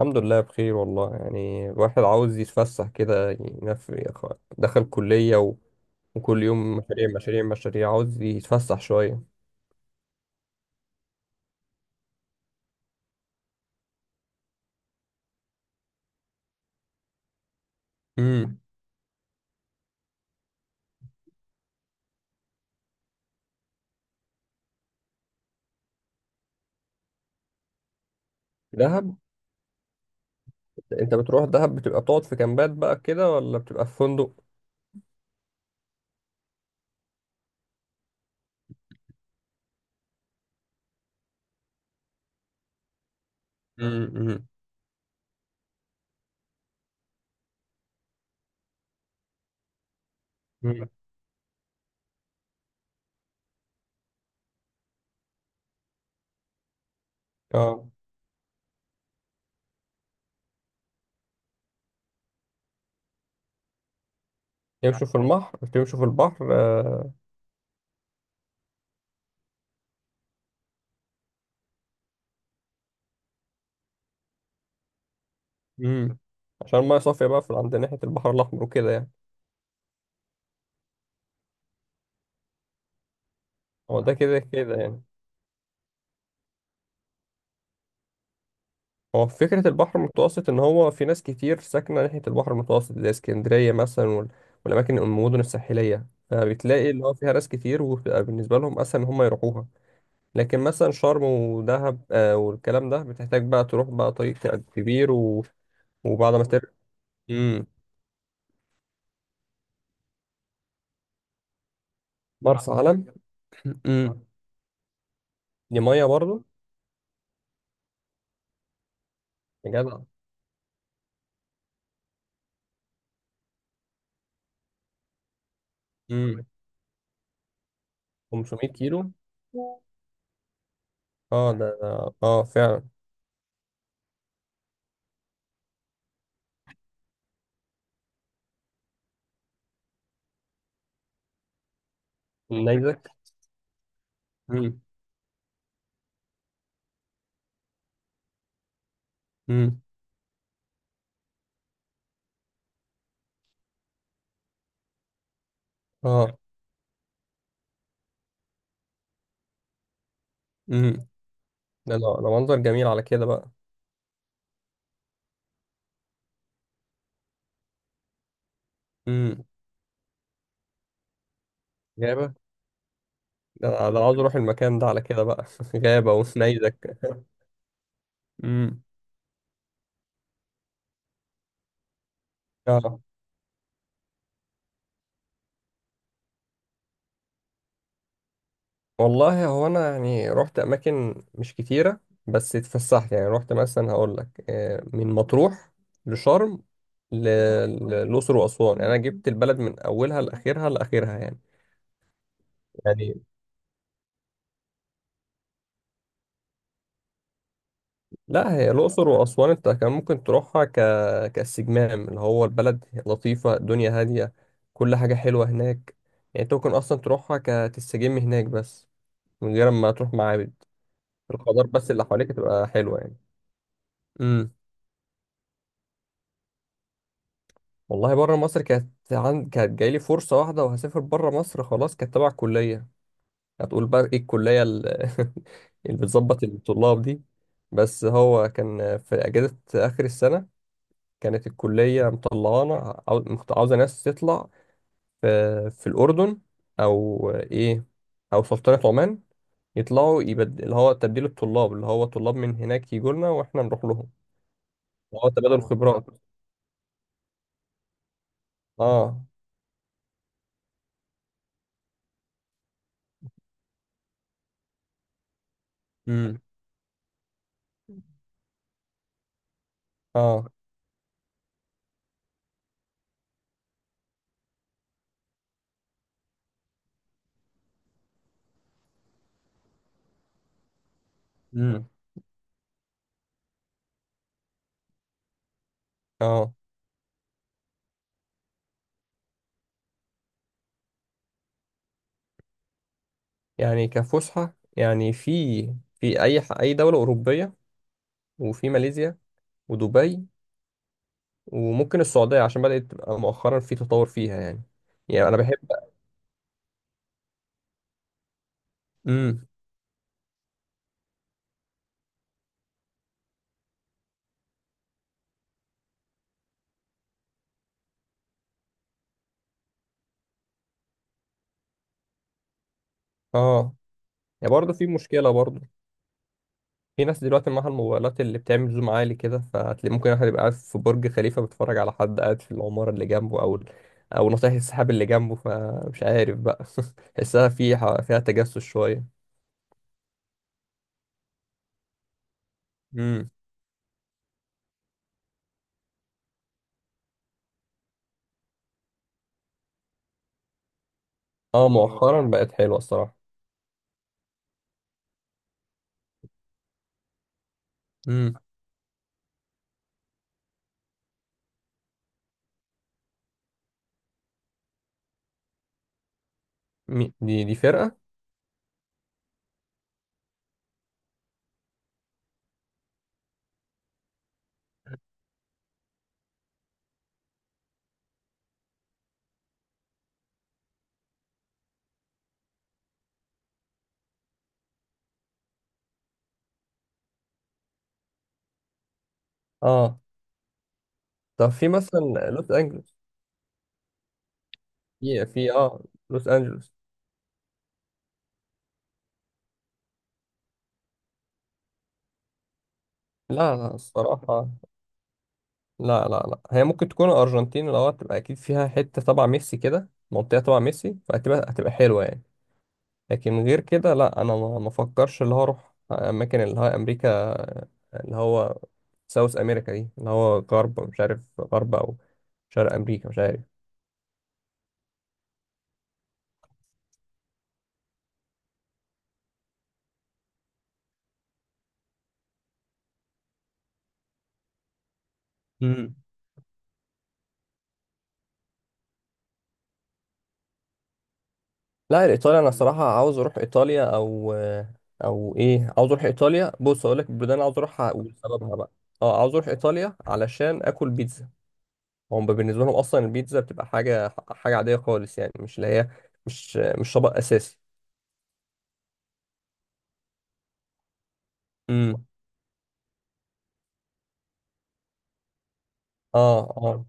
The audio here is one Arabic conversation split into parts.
الحمد لله بخير والله. يعني الواحد عاوز يتفسح كده. دخل كلية و. وكل يوم مشاريع مشاريع مشاريع عاوز يتفسح شوية. امم دهب. انت بتروح دهب بتبقى بتقعد في كامبات بقى كده ولا بتبقى في فندق؟ امم. امم. اه. يمشوا في البحر بتمشوا في البحر آه. امم. عشان المية صافية بقى في عند ناحية البحر الأحمر وكده يعني. هو ده كده كده يعني. هو فكرة البحر المتوسط إن هو في ناس كتير ساكنة ناحية البحر المتوسط زي اسكندرية مثلا والأماكن المدن الساحلية، فبتلاقي اللي هو فيها ناس كتير وبتبقى بالنسبة لهم أسهل إن هم يروحوها. لكن مثلا شرم ودهب آه، والكلام ده بتحتاج بقى تروح بقى طريق كبير و. وبعد ما مم. مرسى علم. مم. دي مية برضه. يا جدع. مم. 500 كيلو. اه. اه فعلا. النيزك. مم. مم. اه ده منظر جميل على كده بقى. امم. غابة. ده أنا عاوز اروح المكان ده على كده بقى غابة ونيزك. امم. اه. والله هو انا يعني رحت اماكن مش كتيرة. بس اتفسحت، يعني رحت مثلا. هقول لك آه، من مطروح لشرم ل- للأقصر وأسوان. يعني انا جبت البلد من اولها لاخرها لاخرها يعني. يعني لا، هي الأقصر وأسوان أنت كان ممكن تروحها كاستجمام. اللي هو البلد لطيفة، الدنيا هادية. كل حاجة حلوة هناك. يعني أنت ممكن أصلا تروحها كتستجم هناك، بس من غير ما تروح معابد. الخضار بس اللي حواليك تبقى حلوة يعني. امم. والله بره مصر كانت كانت جايلي فرصة واحدة وهسافر بره مصر خلاص، كانت تبع الكلية. هتقول بقى إيه الكلية اللي بتظبط الطلاب دي. بس هو كان في أجازة آخر السنة. كانت الكلية مطلعانا، عاوزة ناس تطلع في, في الأردن، أو إيه، أو سلطنة عمان. اللي هو تبديل الطلاب، اللي هو طلاب من هناك يجوا لنا وإحنا نروح لهم. اللي هو تبادل خبرات. آه. امم. آه. امم. آه. يعني كفسحة. يعني في أي دولة أوروبية، وفي ماليزيا، ودبي، وممكن السعودية عشان بدأت تبقى مؤخرا في تطور فيها يعني. يعني أنا بحب. امم. آه. يعني برضه في مشكلة برضه. في ناس دلوقتي معاها الموبايلات اللي بتعمل زوم عالي كده، فهتلاقي ممكن واحد يبقى قاعد في برج خليفة بيتفرج على حد قاعد في العمارة اللي جنبه، أو أو ناطح السحاب اللي جنبه، فمش عارف بقى تحسها فيها تجسس شوية. امم. اه مؤخرا بقت حلوة الصراحة. امم. دي فرقة. اه. طب في مثلا لوس أنجلوس. في لوس أنجلوس. لا لا الصراحة. لا لا لا، هي ممكن تكون الأرجنتين. لو هتبقى أكيد فيها حتة تبع ميسي كده، منطقة تبع ميسي، فهتبقى حلوة يعني. لكن غير كده لا، انا ما افكرش اللي هو اروح اماكن اللي هو امريكا. اللي هو ساوث امريكا دي، اللي هو غرب مش عارف، غرب او شرق امريكا مش عارف. امم. لا، ايطاليا انا صراحه عاوز اروح ايطاليا، او او ايه، عاوز اروح ايطاليا. بص اقول لك البلدان اللي عاوز اروحها وسببها بقى. اه، عاوز اروح ايطاليا علشان اكل بيتزا. هم بالنسبه لهم اصلا البيتزا بتبقى حاجه عاديه خالص يعني، مش اللي هي مش طبق اساسي. امم. اه. اه.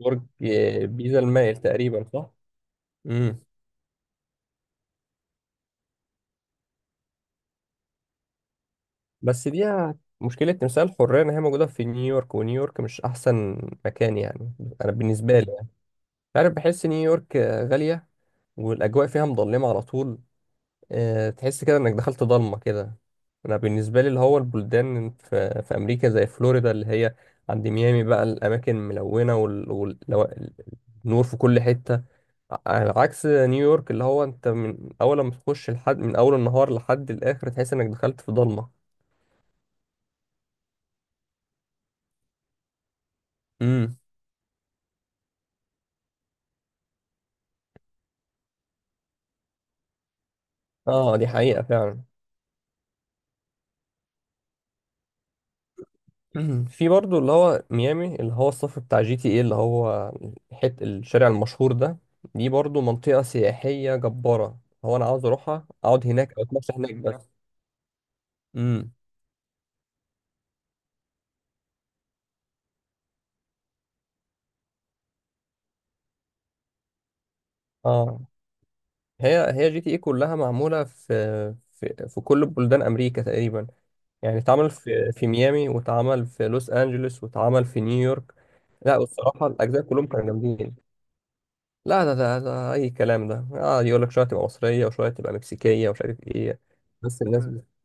برج بيزا المائل تقريبا، صح؟ امم. بس دي مشكلة تمثال الحرية، إن هي موجودة في نيويورك، ونيويورك مش أحسن مكان يعني. أنا بالنسبة لي يعني، عارف، بحس نيويورك غالية، والأجواء فيها مظلمة على طول. آه، تحس كده انك دخلت ضلمة كده. انا بالنسبة لي، اللي هو البلدان في امريكا زي فلوريدا، اللي هي عند ميامي بقى، الاماكن ملونة النور في كل حتة. على عكس نيويورك، اللي هو انت من اول ما تخش، لحد من اول النهار لحد الاخر تحس انك دخلت في ضلمة. امم. اه دي حقيقة فعلا. في برضو اللي هو ميامي اللي هو الصف بتاع جي تي ايه، اللي هو حت الشارع المشهور ده، دي برضو منطقة سياحية جبارة. هو انا عاوز اروحها اقعد هناك او اتمشى هناك بس. امم. اه، هي جي تي ايه كلها معمولة في في كل بلدان امريكا تقريبا. يعني اتعمل في ميامي، واتعمل في لوس انجلوس، واتعمل في نيويورك. لا، والصراحة الاجزاء كلهم كانوا جامدين. لا، ده اي كلام ده. اه يقول لك شويه تبقى مصريه وشويه تبقى مكسيكيه ومش عارف ايه. بس الناس بت-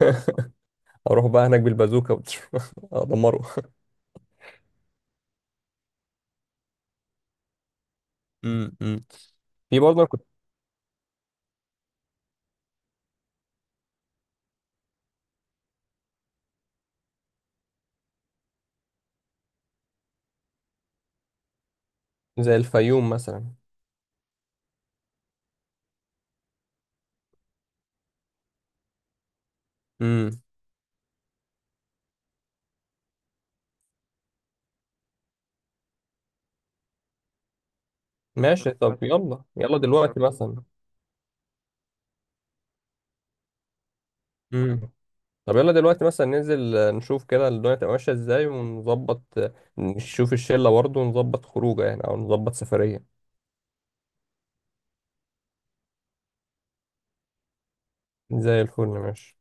اروح بقى هناك بالبازوكا ادمره. امم. أمم. في برضه أنا كنت، زي الفيوم مثلا. امم. ماشي طب يلا يلا دلوقتي مثلا. امم. طب يلا دلوقتي مثلا ننزل آه، نشوف كده الدنيا تبقى ماشيه ازاي، ونظبط آه، نشوف الشله برضه ونظبط خروجه يعني، او نظبط سفريه. زي الفل ماشي